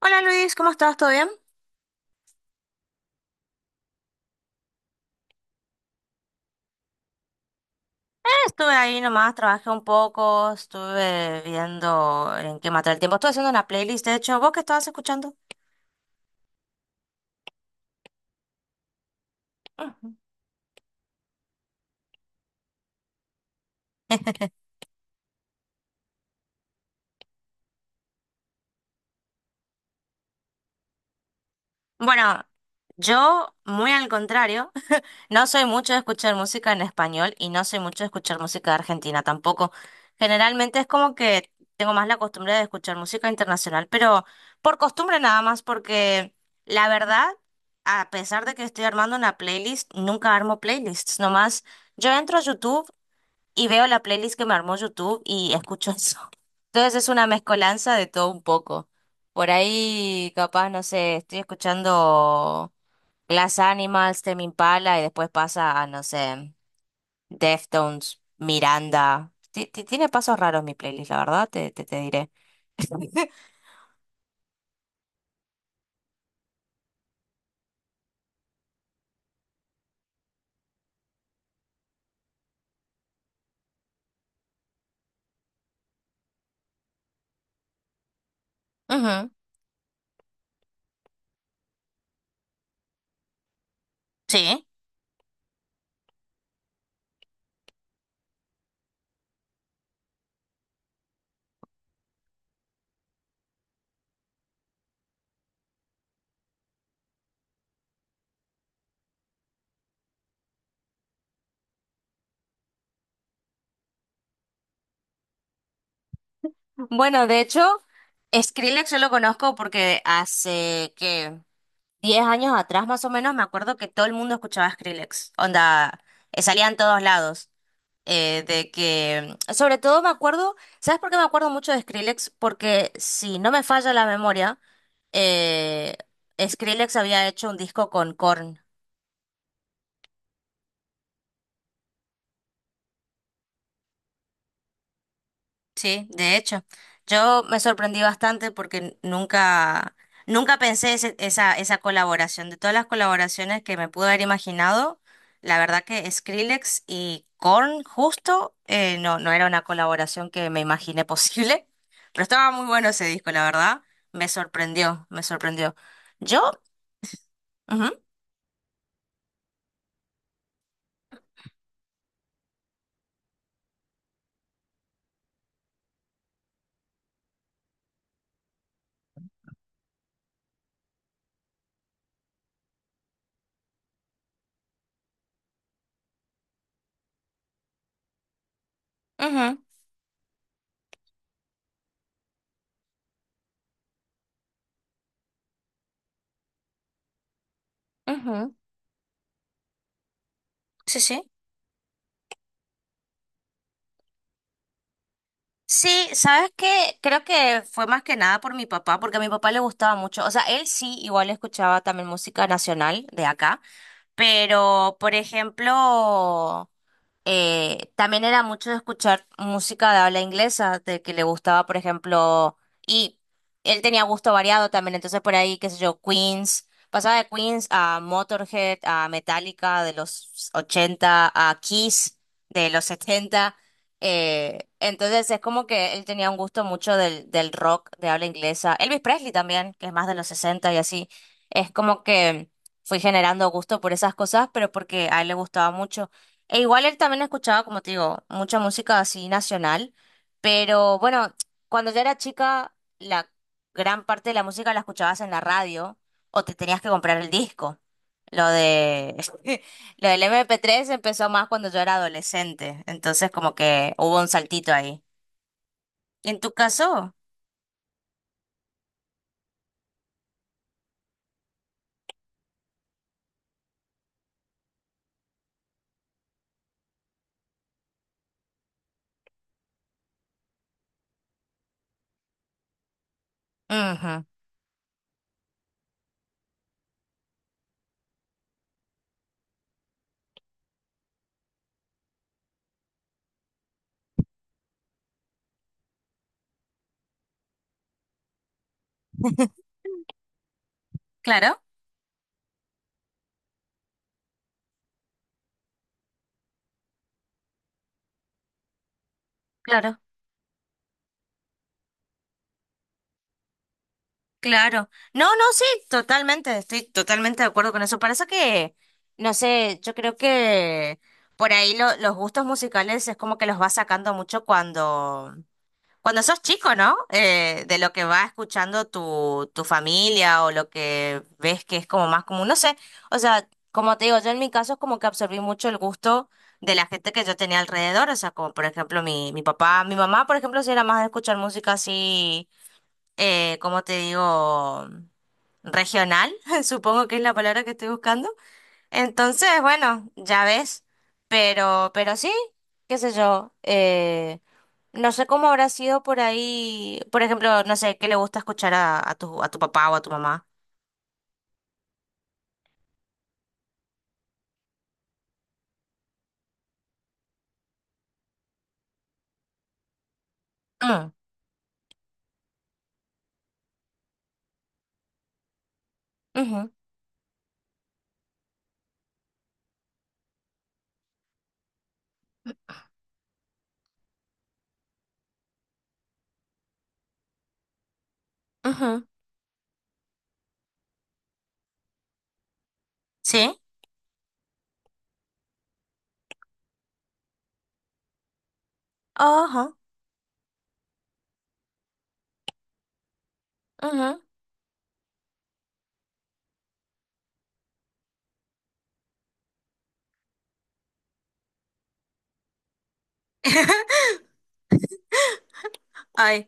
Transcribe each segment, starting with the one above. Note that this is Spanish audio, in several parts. Hola Luis, ¿cómo estás? ¿Todo bien? Estuve ahí nomás, trabajé un poco, estuve viendo en qué matar el tiempo. Estuve haciendo una playlist, de hecho, ¿vos qué estabas escuchando? Ujú. Bueno, yo, muy al contrario, no soy mucho de escuchar música en español y no soy mucho de escuchar música de Argentina tampoco. Generalmente es como que tengo más la costumbre de escuchar música internacional, pero por costumbre nada más, porque la verdad, a pesar de que estoy armando una playlist, nunca armo playlists, nomás yo entro a YouTube y veo la playlist que me armó YouTube y escucho eso. Entonces es una mezcolanza de todo un poco. Por ahí, capaz, no sé, estoy escuchando Glass Animals, Tame Impala y después pasa a, no sé, Deftones, Miranda. Tiene pasos raros mi playlist, la verdad, te diré. Ujú. Sí. Bueno, de hecho, Skrillex yo lo conozco porque hace que 10 años atrás, más o menos, me acuerdo que todo el mundo escuchaba Skrillex. Onda, salía en todos lados. De que, sobre todo me acuerdo, ¿sabes por qué me acuerdo mucho de Skrillex? Porque si no me falla la memoria, eh, Skrillex había hecho un disco con Korn, sí, de hecho. Yo me sorprendí bastante porque nunca pensé esa colaboración. De todas las colaboraciones que me pude haber imaginado, la verdad que Skrillex y Korn, justo no, no era una colaboración que me imaginé posible, pero estaba muy bueno ese disco, la verdad. Me sorprendió, me sorprendió. Yo. Ujú, ujú, ujú. Sí, sí. Sí, ¿sabes qué? Creo que fue más que nada por mi papá, porque a mi papá le gustaba mucho. O sea, él sí, igual escuchaba también música nacional de acá, pero, por ejemplo. También era mucho de escuchar música de habla inglesa, de que le gustaba, por ejemplo, y él tenía gusto variado también, entonces por ahí, qué sé yo, Queens, pasaba de Queens a Motorhead, a Metallica de los 80 a Kiss de los setenta. Entonces es como que él tenía un gusto mucho del rock de habla inglesa, Elvis Presley también, que es más de los 60 y así, es como que fui generando gusto por esas cosas, pero porque a él le gustaba mucho. E igual él también escuchaba, como te digo, mucha música así nacional, pero bueno, cuando yo era chica, la gran parte de la música la escuchabas en la radio o te tenías que comprar el disco. Lo de lo del MP3 empezó más cuando yo era adolescente, entonces como que hubo un saltito ahí. ¿En tu caso? Ujú. Claro, claro. Claro. No, no, sí, totalmente, estoy totalmente de acuerdo con eso. Parece que, no sé, yo creo que por ahí los gustos musicales es como que los vas sacando mucho cuando, cuando sos chico, ¿no? De lo que va escuchando tu familia o lo que ves que es como más común, no sé. O sea, como te digo, yo en mi caso es como que absorbí mucho el gusto de la gente que yo tenía alrededor. O sea, como por ejemplo mi papá, mi mamá, por ejemplo, si era más de escuchar música así. ¿Cómo te digo? Regional, supongo que es la palabra que estoy buscando. Entonces, bueno, ya ves, pero sí, qué sé yo, no sé cómo habrá sido por ahí, por ejemplo, no sé, qué le gusta escuchar a, a tu papá o a tu mamá. Mm, ujú, ujú. ¿Sí? Ajá, ujú. Ay.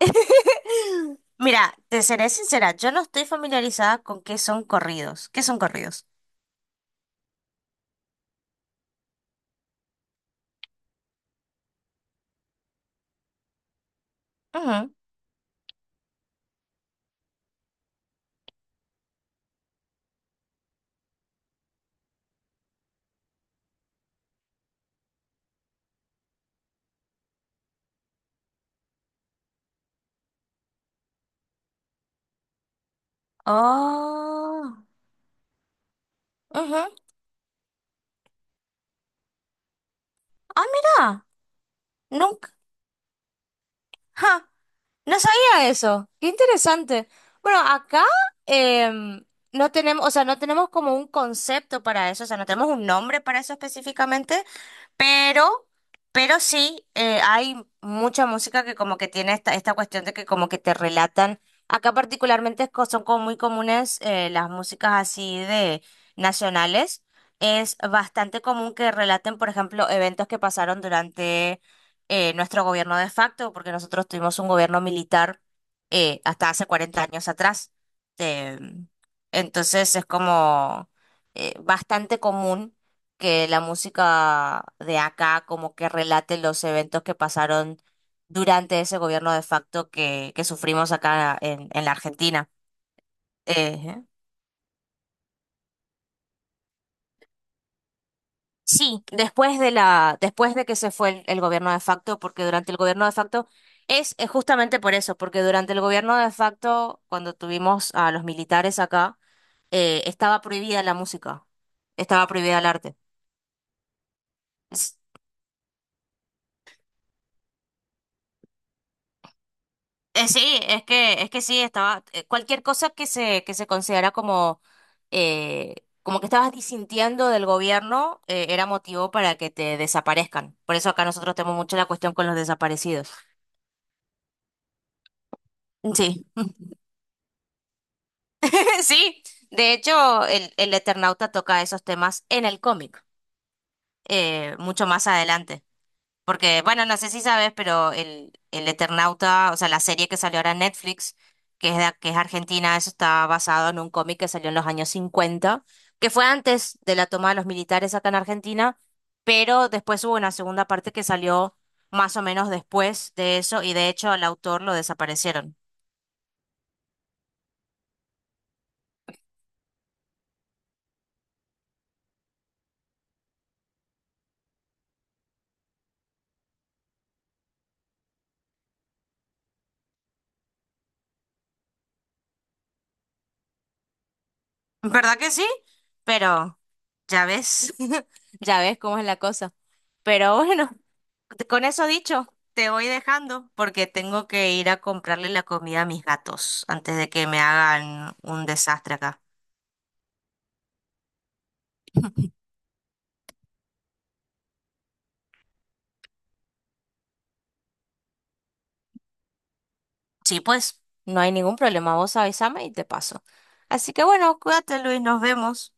Mira, te seré sincera, yo no estoy familiarizada con qué son corridos. ¿Qué son corridos? Oh. Ujú. Ah, mira. Nunca. Ja, no sabía eso. Qué interesante. Bueno, acá em, no tenemos, o sea, no tenemos como un concepto para eso, o sea, no tenemos un nombre para eso específicamente, pero, pero sí, hay mucha música que como que tiene esta cuestión de que como que te relatan. Acá particularmente es son como muy comunes las músicas así de nacionales. Es bastante común que relaten, por ejemplo, eventos que pasaron durante nuestro gobierno de facto, porque nosotros tuvimos un gobierno militar hasta hace 40 años atrás. Eh, entonces es como bastante común que la música de acá como que relate los eventos que pasaron durante ese gobierno de facto que sufrimos acá en la Argentina. Eh, Sí, después después de que se fue el gobierno de facto, porque durante el gobierno de facto es justamente por eso, porque durante el gobierno de facto, cuando tuvimos a los militares acá, estaba prohibida la música, estaba prohibida el arte. Es- sí, es que sí, estaba, cualquier cosa que se considera como, eh, como que estabas disintiendo del gobierno, era motivo para que te desaparezcan. Por eso acá nosotros tenemos mucho la cuestión con los desaparecidos. Sí. Sí, de hecho, el Eternauta toca esos temas en el cómic, mucho más adelante. Porque, bueno, no sé si sabes, pero el Eternauta, o sea, la serie que salió ahora en Netflix, que es, que es argentina, eso está basado en un cómic que salió en los años cincuenta, que fue antes de la toma de los militares acá en Argentina, pero después hubo una segunda parte que salió más o menos después de eso, y de hecho al autor lo desaparecieron. ¿Verdad que sí? Pero ya ves, ya ves cómo es la cosa. Pero bueno, con eso dicho, te voy dejando porque tengo que ir a comprarle la comida a mis gatos antes de que me hagan un desastre acá. Sí, pues, no hay ningún problema. Vos avísame y te paso. Así que bueno, cuídate, Luis, nos vemos.